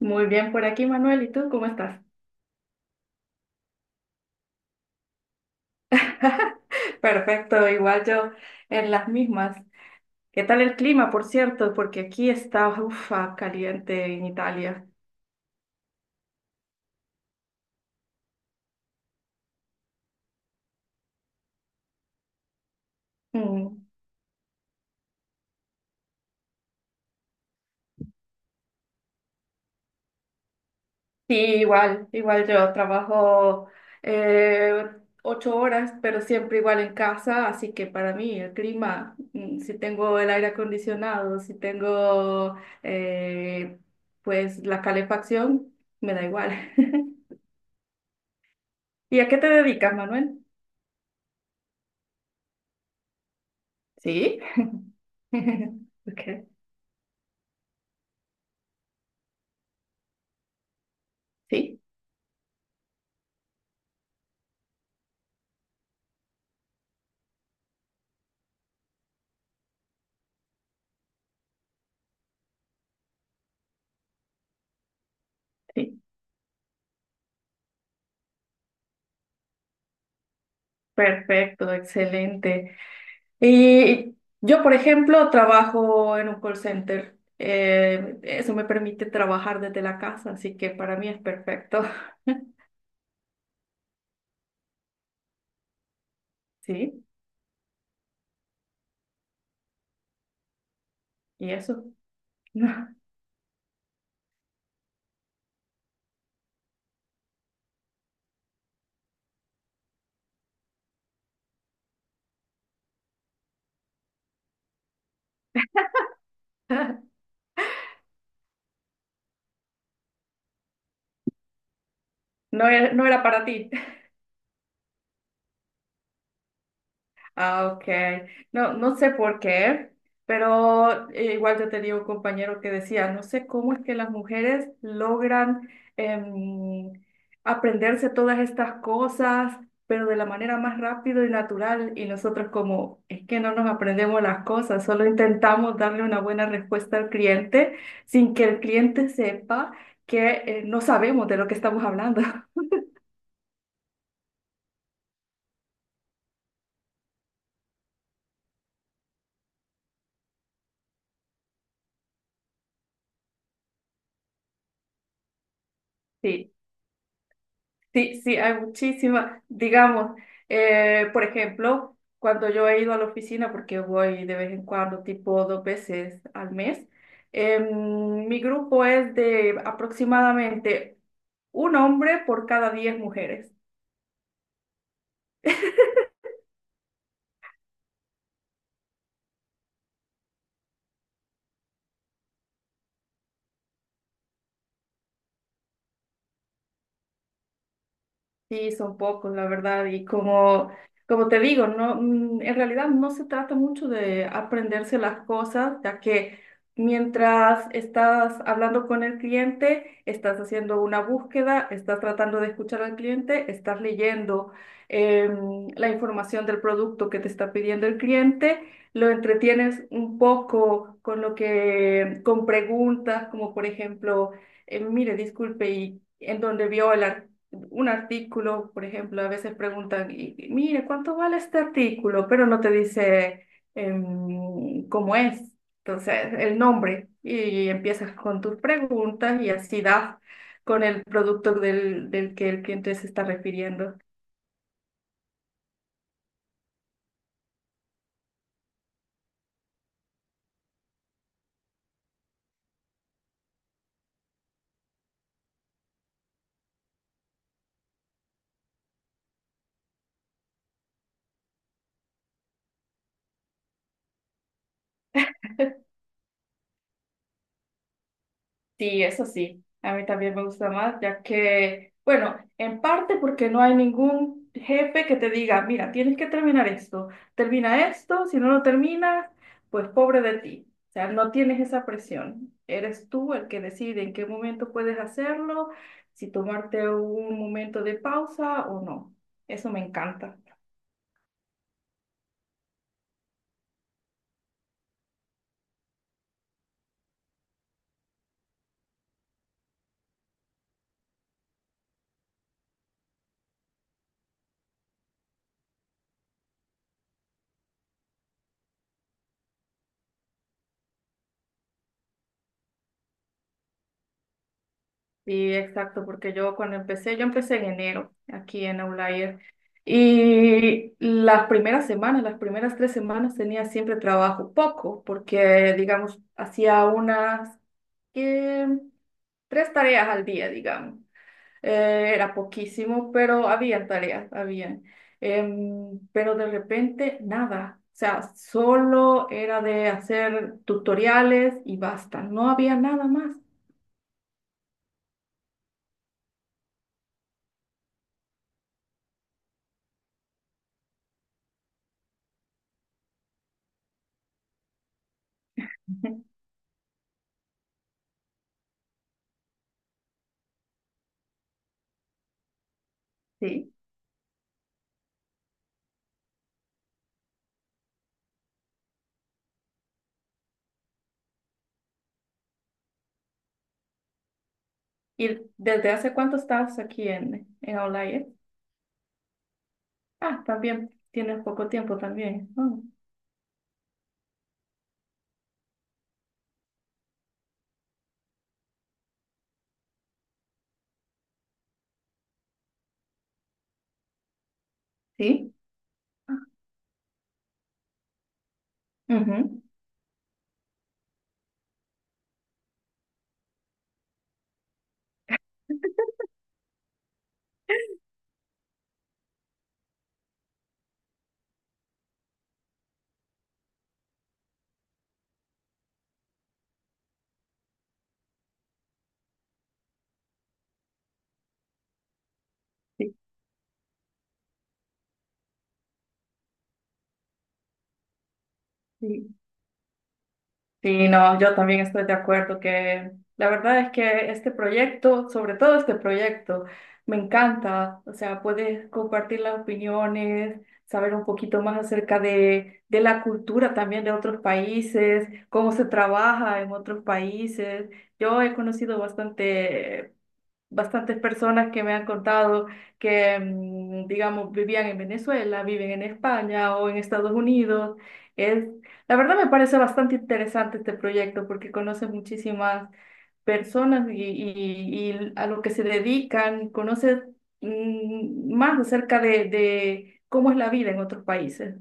Muy bien por aquí, Manuel. ¿Y tú cómo estás? Perfecto, igual yo en las mismas. ¿Qué tal el clima, por cierto? Porque aquí está, ufa, caliente en Italia. Mm. Sí, igual yo trabajo eh, 8 horas, pero siempre igual en casa, así que para mí el clima, si tengo el aire acondicionado, si tengo eh, pues la calefacción, me da igual. ¿Y a qué te dedicas, Manuel? Sí. Okay. Sí, sí, perfecto, excelente. Y yo, por ejemplo, trabajo en un call center. Eso me permite trabajar desde la casa, así que para mí es perfecto. Sí, y eso. No, no era para ti. Ah, ok. No, no sé por qué, pero igual yo tenía un compañero que decía, no sé cómo es que las mujeres logran em, aprenderse todas estas cosas, pero de la manera más rápido y natural, y nosotros como, es que no nos aprendemos las cosas, solo intentamos darle una buena respuesta al cliente sin que el cliente sepa que no sabemos de lo que estamos hablando. Sí. Sí, sí, hay muchísimas. Digamos, por ejemplo, cuando yo he ido a la oficina, porque voy de vez en cuando, tipo dos veces al mes, mi grupo es de aproximadamente un hombre por cada 10 mujeres. Sí, son pocos, la verdad. Y como, como te digo, no, en realidad no se trata mucho de aprenderse las cosas, ya que mientras estás hablando con el cliente, estás haciendo una búsqueda, estás tratando de escuchar al cliente, estás leyendo la información del producto que te está pidiendo el cliente, lo entretienes un poco con lo que, con preguntas, como por ejemplo, mire, disculpe, ¿y en dónde vio el artículo? Un artículo, por ejemplo, a veces preguntan, y, mire, ¿cuánto vale este artículo? Pero no te dice cómo es, entonces el nombre, y empiezas con tus preguntas y así das con el producto del que el cliente se está refiriendo. Sí, eso sí, a mí también me gusta más, ya que, bueno, en parte porque no hay ningún jefe que te diga, mira, tienes que terminar esto, termina esto, si no lo terminas, pues pobre de ti. O sea, no tienes esa presión. Eres tú el que decide en qué momento puedes hacerlo, si tomarte un momento de pausa o no. Eso me encanta. Sí, exacto, porque yo cuando empecé, yo empecé en enero aquí en Outlier y las primeras semanas, las primeras 3 semanas tenía siempre trabajo, poco, porque digamos, hacía unas eh, tres tareas al día, digamos. Era poquísimo, pero había tareas, había. Pero de repente, nada. O sea, solo era de hacer tutoriales y basta, no había nada más. Sí. ¿Y desde hace cuánto estás aquí en Outlier? Ah, también tienes poco tiempo también. Oh, ¿sí? Ujú. Sí, sí. Sí, no, yo también estoy de acuerdo que la verdad es que este proyecto, sobre todo este proyecto, me encanta. O sea, puedes compartir las opiniones, saber un poquito más acerca de la cultura también de otros países, cómo se trabaja en otros países. Yo he conocido bastantes personas que me han contado que, digamos, vivían en Venezuela, viven en España o en Estados Unidos. Es, la verdad me parece bastante interesante este proyecto porque conoces muchísimas personas y a lo que se dedican, conoces más acerca de cómo es la vida en otros países.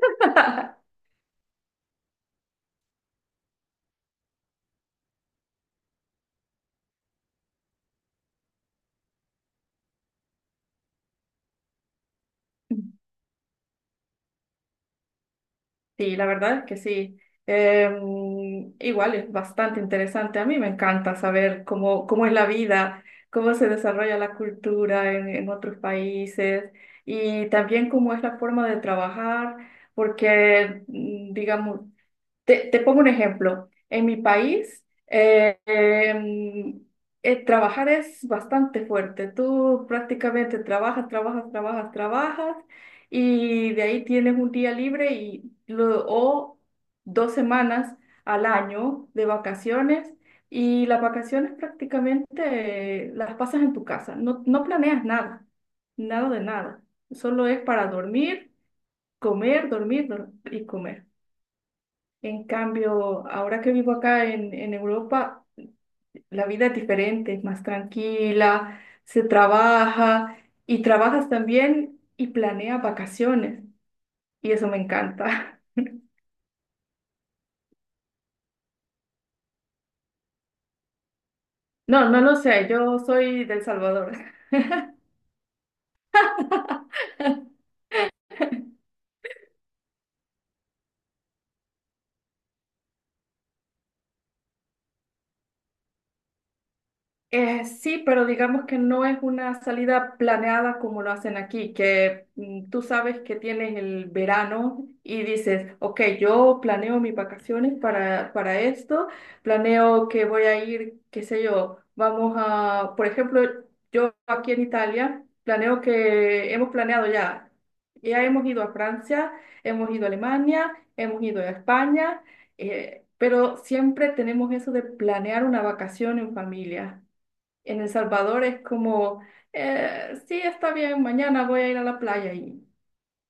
Sí, la verdad es que sí. Eh, igual es bastante interesante. A mí me encanta saber cómo, cómo es la vida, cómo se desarrolla la cultura en otros países y también cómo es la forma de trabajar, porque, digamos, te pongo un ejemplo. En mi país, trabajar es bastante fuerte. Tú prácticamente trabajas, trabajas, trabajas, trabajas y de ahí tienes un día libre o 2 semanas al año de vacaciones y las vacaciones prácticamente las pasas en tu casa. No, no planeas nada, nada de nada. Solo es para dormir, comer, y comer. En cambio, ahora que vivo acá en Europa, la vida es diferente, es más tranquila, se trabaja y trabajas también y planeas vacaciones. Y eso me encanta. No, no lo sé, yo soy del Salvador. Sí, pero digamos que no es una salida planeada como lo hacen aquí, que tú sabes que tienes el verano y dices, ok, yo planeo mis vacaciones para esto, planeo que voy a ir, qué sé yo, vamos a, por ejemplo, yo aquí en Italia, planeo que hemos planeado ya, ya hemos ido a Francia, hemos ido a Alemania, hemos ido a España, pero siempre tenemos eso de planear una vacación en familia. En El Salvador es como, sí, está bien, mañana voy a ir a la playa y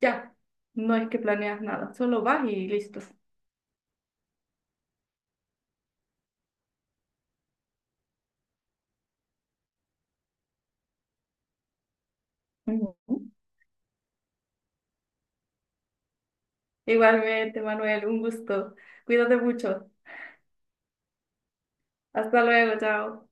ya, no es que planeas nada, solo vas y listo. Ujú. Igualmente, Manuel, un gusto. Cuídate mucho. Hasta luego, chao.